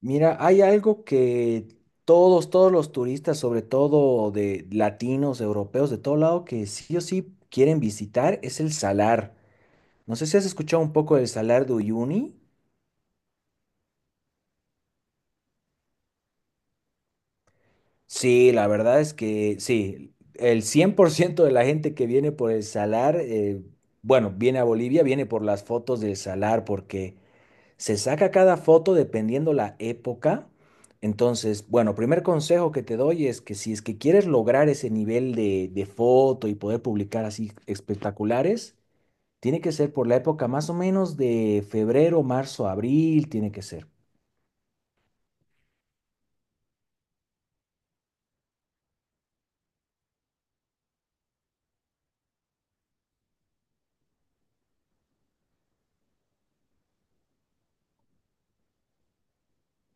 Mira, hay algo que todos los turistas, sobre todo de latinos, europeos, de todo lado, que sí o sí quieren visitar, es el salar. No sé si has escuchado un poco del salar de Uyuni. Sí, la verdad es que sí, el 100% de la gente que viene por el salar, bueno, viene a Bolivia, viene por las fotos del salar, porque se saca cada foto dependiendo la época. Entonces, bueno, primer consejo que te doy es que si es que quieres lograr ese nivel de foto y poder publicar así espectaculares, tiene que ser por la época más o menos de febrero, marzo, abril, tiene que ser.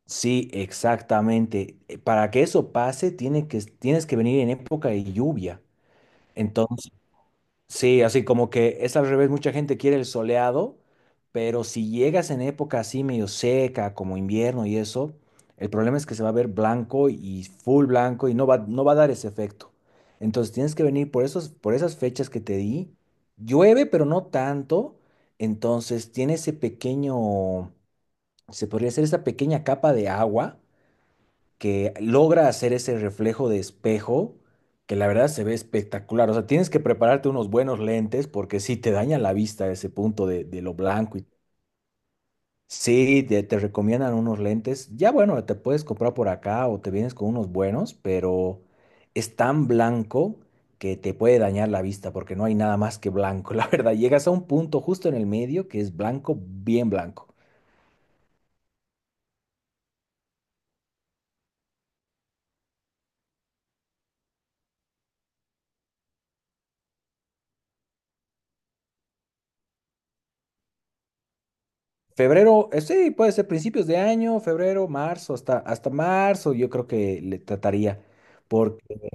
Sí, exactamente. Para que eso pase, tienes que venir en época de lluvia. Sí, así como que es al revés, mucha gente quiere el soleado, pero si llegas en época así medio seca, como invierno y eso, el problema es que se va a ver blanco y full blanco y no va a dar ese efecto. Entonces tienes que venir por esas fechas que te di. Llueve, pero no tanto, entonces tiene ese pequeño, se podría hacer esa pequeña capa de agua que logra hacer ese reflejo de espejo, que la verdad se ve espectacular. O sea, tienes que prepararte unos buenos lentes porque sí te dañan la vista ese punto de lo blanco. Y sí, te recomiendan unos lentes. Ya bueno, te puedes comprar por acá o te vienes con unos buenos, pero es tan blanco que te puede dañar la vista porque no hay nada más que blanco. La verdad, llegas a un punto justo en el medio que es blanco, bien blanco. Febrero, sí, puede ser principios de año, febrero, marzo, hasta marzo, yo creo que le trataría. Porque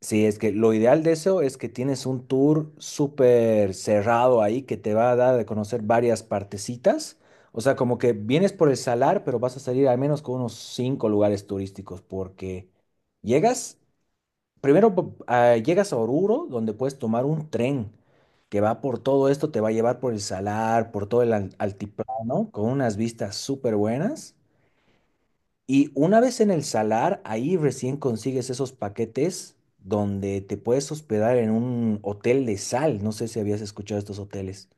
sí, es que lo ideal de eso es que tienes un tour súper cerrado ahí que te va a dar de conocer varias partecitas. O sea, como que vienes por el salar, pero vas a salir al menos con unos cinco lugares turísticos, porque llegas llegas a Oruro, donde puedes tomar un tren que va por todo esto, te va a llevar por el Salar, por todo el altiplano, con unas vistas súper buenas. Y una vez en el Salar, ahí recién consigues esos paquetes donde te puedes hospedar en un hotel de sal. No sé si habías escuchado estos hoteles.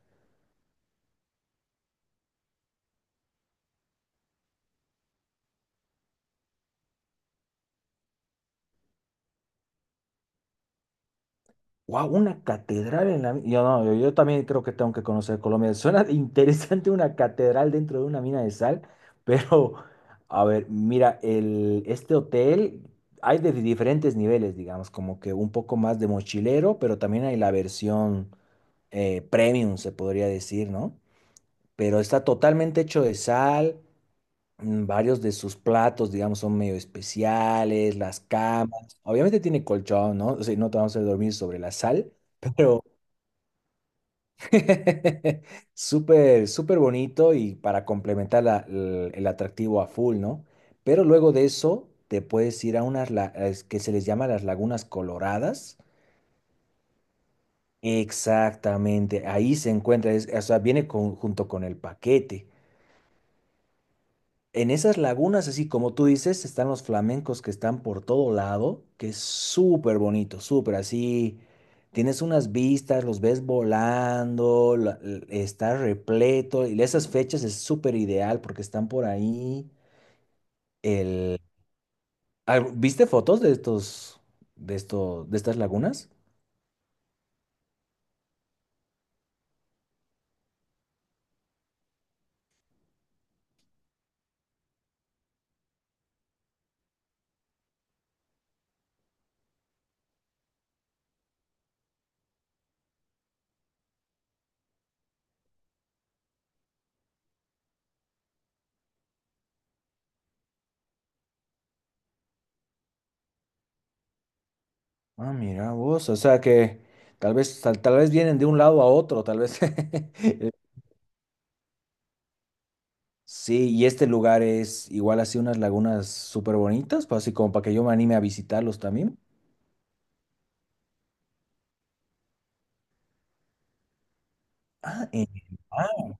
Wow, una catedral en la... Yo, no, yo también creo que tengo que conocer Colombia. Suena interesante una catedral dentro de una mina de sal, pero a ver, mira, este hotel hay de diferentes niveles, digamos, como que un poco más de mochilero, pero también hay la versión premium, se podría decir, ¿no? Pero está totalmente hecho de sal. Varios de sus platos, digamos, son medio especiales, las camas. Obviamente tiene colchón, ¿no? O sea, no te vamos a hacer dormir sobre la sal. Pero súper, súper bonito y para complementar el atractivo a full, ¿no? Pero luego de eso te puedes ir a unas es que se les llama las lagunas coloradas. Exactamente, ahí se encuentra, o sea, viene junto con el paquete. En esas lagunas, así como tú dices, están los flamencos que están por todo lado, que es súper bonito, súper así. Tienes unas vistas, los ves volando, está repleto. Y esas fechas es súper ideal porque están por ahí. El... ¿Viste fotos de estos, de estas lagunas? Ah, mira vos, o sea que tal vez vienen de un lado a otro, tal vez. El sí, y este lugar es igual así unas lagunas súper bonitas, pues así como para que yo me anime a visitarlos también. Ah, en el mar.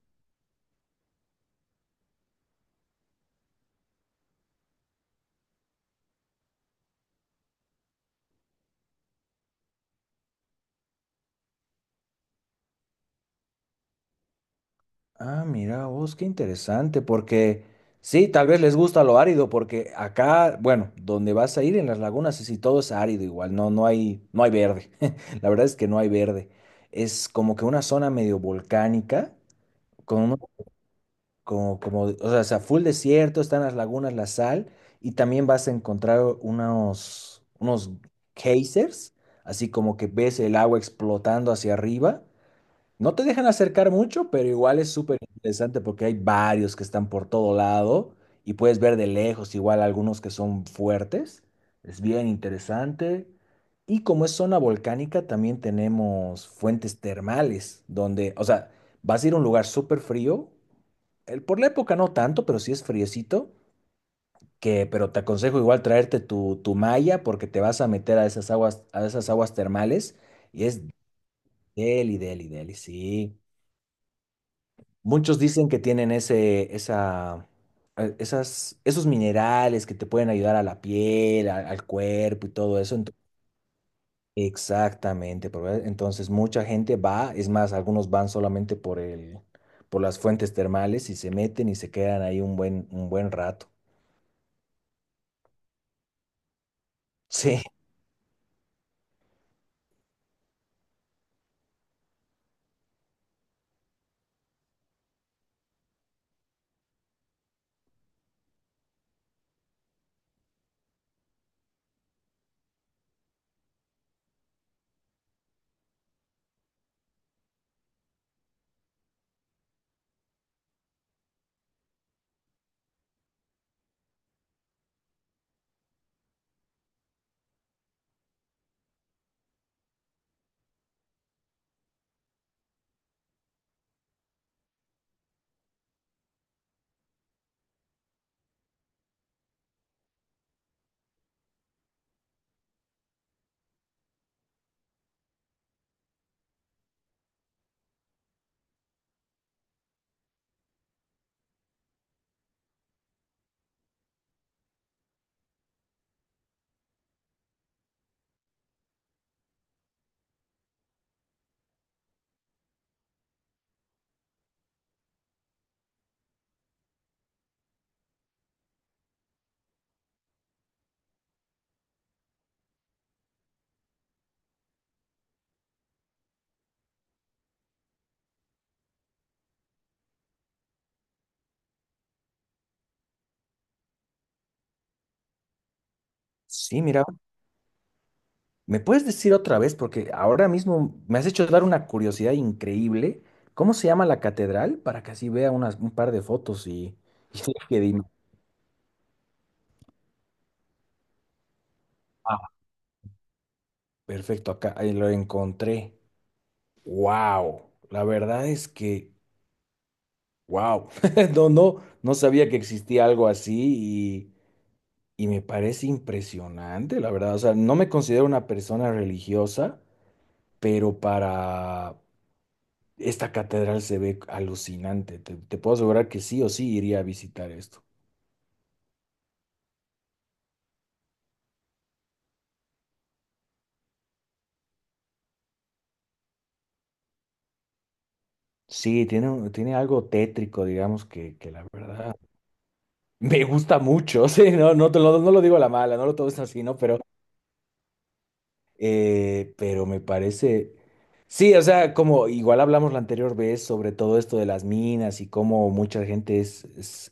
Ah, mira vos, qué interesante, porque sí, tal vez les gusta lo árido, porque acá, bueno, donde vas a ir en las lagunas, sí, todo es árido igual, no, no hay verde. La verdad es que no hay verde. Es como que una zona medio volcánica, con unos o sea, full desierto, están las lagunas, la sal, y también vas a encontrar unos geysers, así como que ves el agua explotando hacia arriba. No te dejan acercar mucho, pero igual es súper interesante porque hay varios que están por todo lado y puedes ver de lejos igual algunos que son fuertes. Es bien interesante. Y como es zona volcánica, también tenemos fuentes termales, donde, o sea, vas a ir a un lugar súper frío, el, por la época no tanto, pero sí es friecito, que, pero te aconsejo igual traerte tu malla porque te vas a meter a esas aguas termales y es deli, deli, deli, sí. Muchos dicen que tienen esa, esos minerales que te pueden ayudar a la piel, al cuerpo y todo eso. Ento- exactamente, pero, entonces mucha gente va, es más, algunos van solamente por las fuentes termales y se meten y se quedan ahí un buen rato. Sí. Sí, mira, ¿me puedes decir otra vez? Porque ahora mismo me has hecho dar una curiosidad increíble. ¿Cómo se llama la catedral? Para que así vea unas, un par de fotos y que diga, ah, perfecto, acá ahí lo encontré. ¡Wow! La verdad es que, wow. No, no, no sabía que existía algo así y me parece impresionante, la verdad. O sea, no me considero una persona religiosa, pero para esta catedral se ve alucinante. Te puedo asegurar que sí o sí iría a visitar esto. Sí, tiene, tiene algo tétrico, digamos, que la verdad me gusta mucho. Sí, no, no, te lo, no lo digo a la mala, no lo tomes así, ¿no? Pero me parece. Sí, o sea, como igual hablamos la anterior vez sobre todo esto de las minas y cómo mucha gente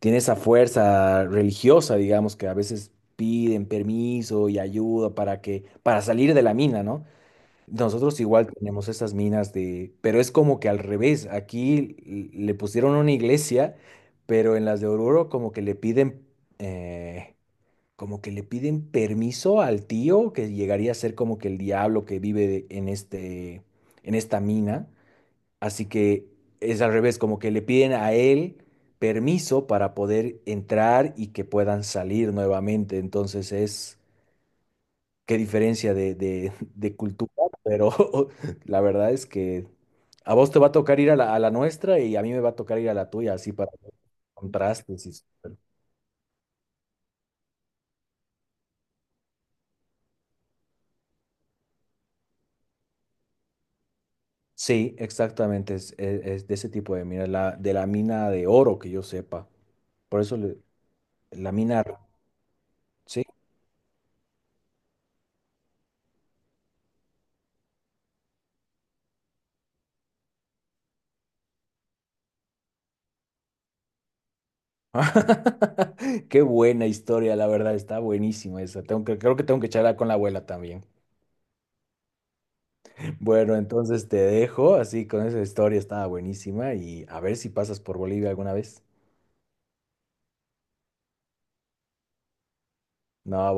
tiene esa fuerza religiosa, digamos, que a veces piden permiso y ayuda para salir de la mina, ¿no? Nosotros igual tenemos estas minas de, pero es como que al revés, aquí le pusieron una iglesia, pero en las de Oruro como que le piden, eh, como que le piden permiso al tío, que llegaría a ser como que el diablo que vive en este, en esta mina, así que es al revés, como que le piden a él permiso para poder entrar y que puedan salir nuevamente, entonces es qué diferencia de cultura, pero la verdad es que a vos te va a tocar ir a a la nuestra y a mí me va a tocar ir a la tuya, así para ver contrastes. Y sí, exactamente, es de ese tipo de mina, la, de la mina de oro que yo sepa. Por eso le- la mina, sí. Qué buena historia, la verdad, está buenísima esa. Tengo que, creo que tengo que charlar con la abuela también. Bueno, entonces te dejo, así con esa historia estaba buenísima y a ver si pasas por Bolivia alguna vez. No, a vos.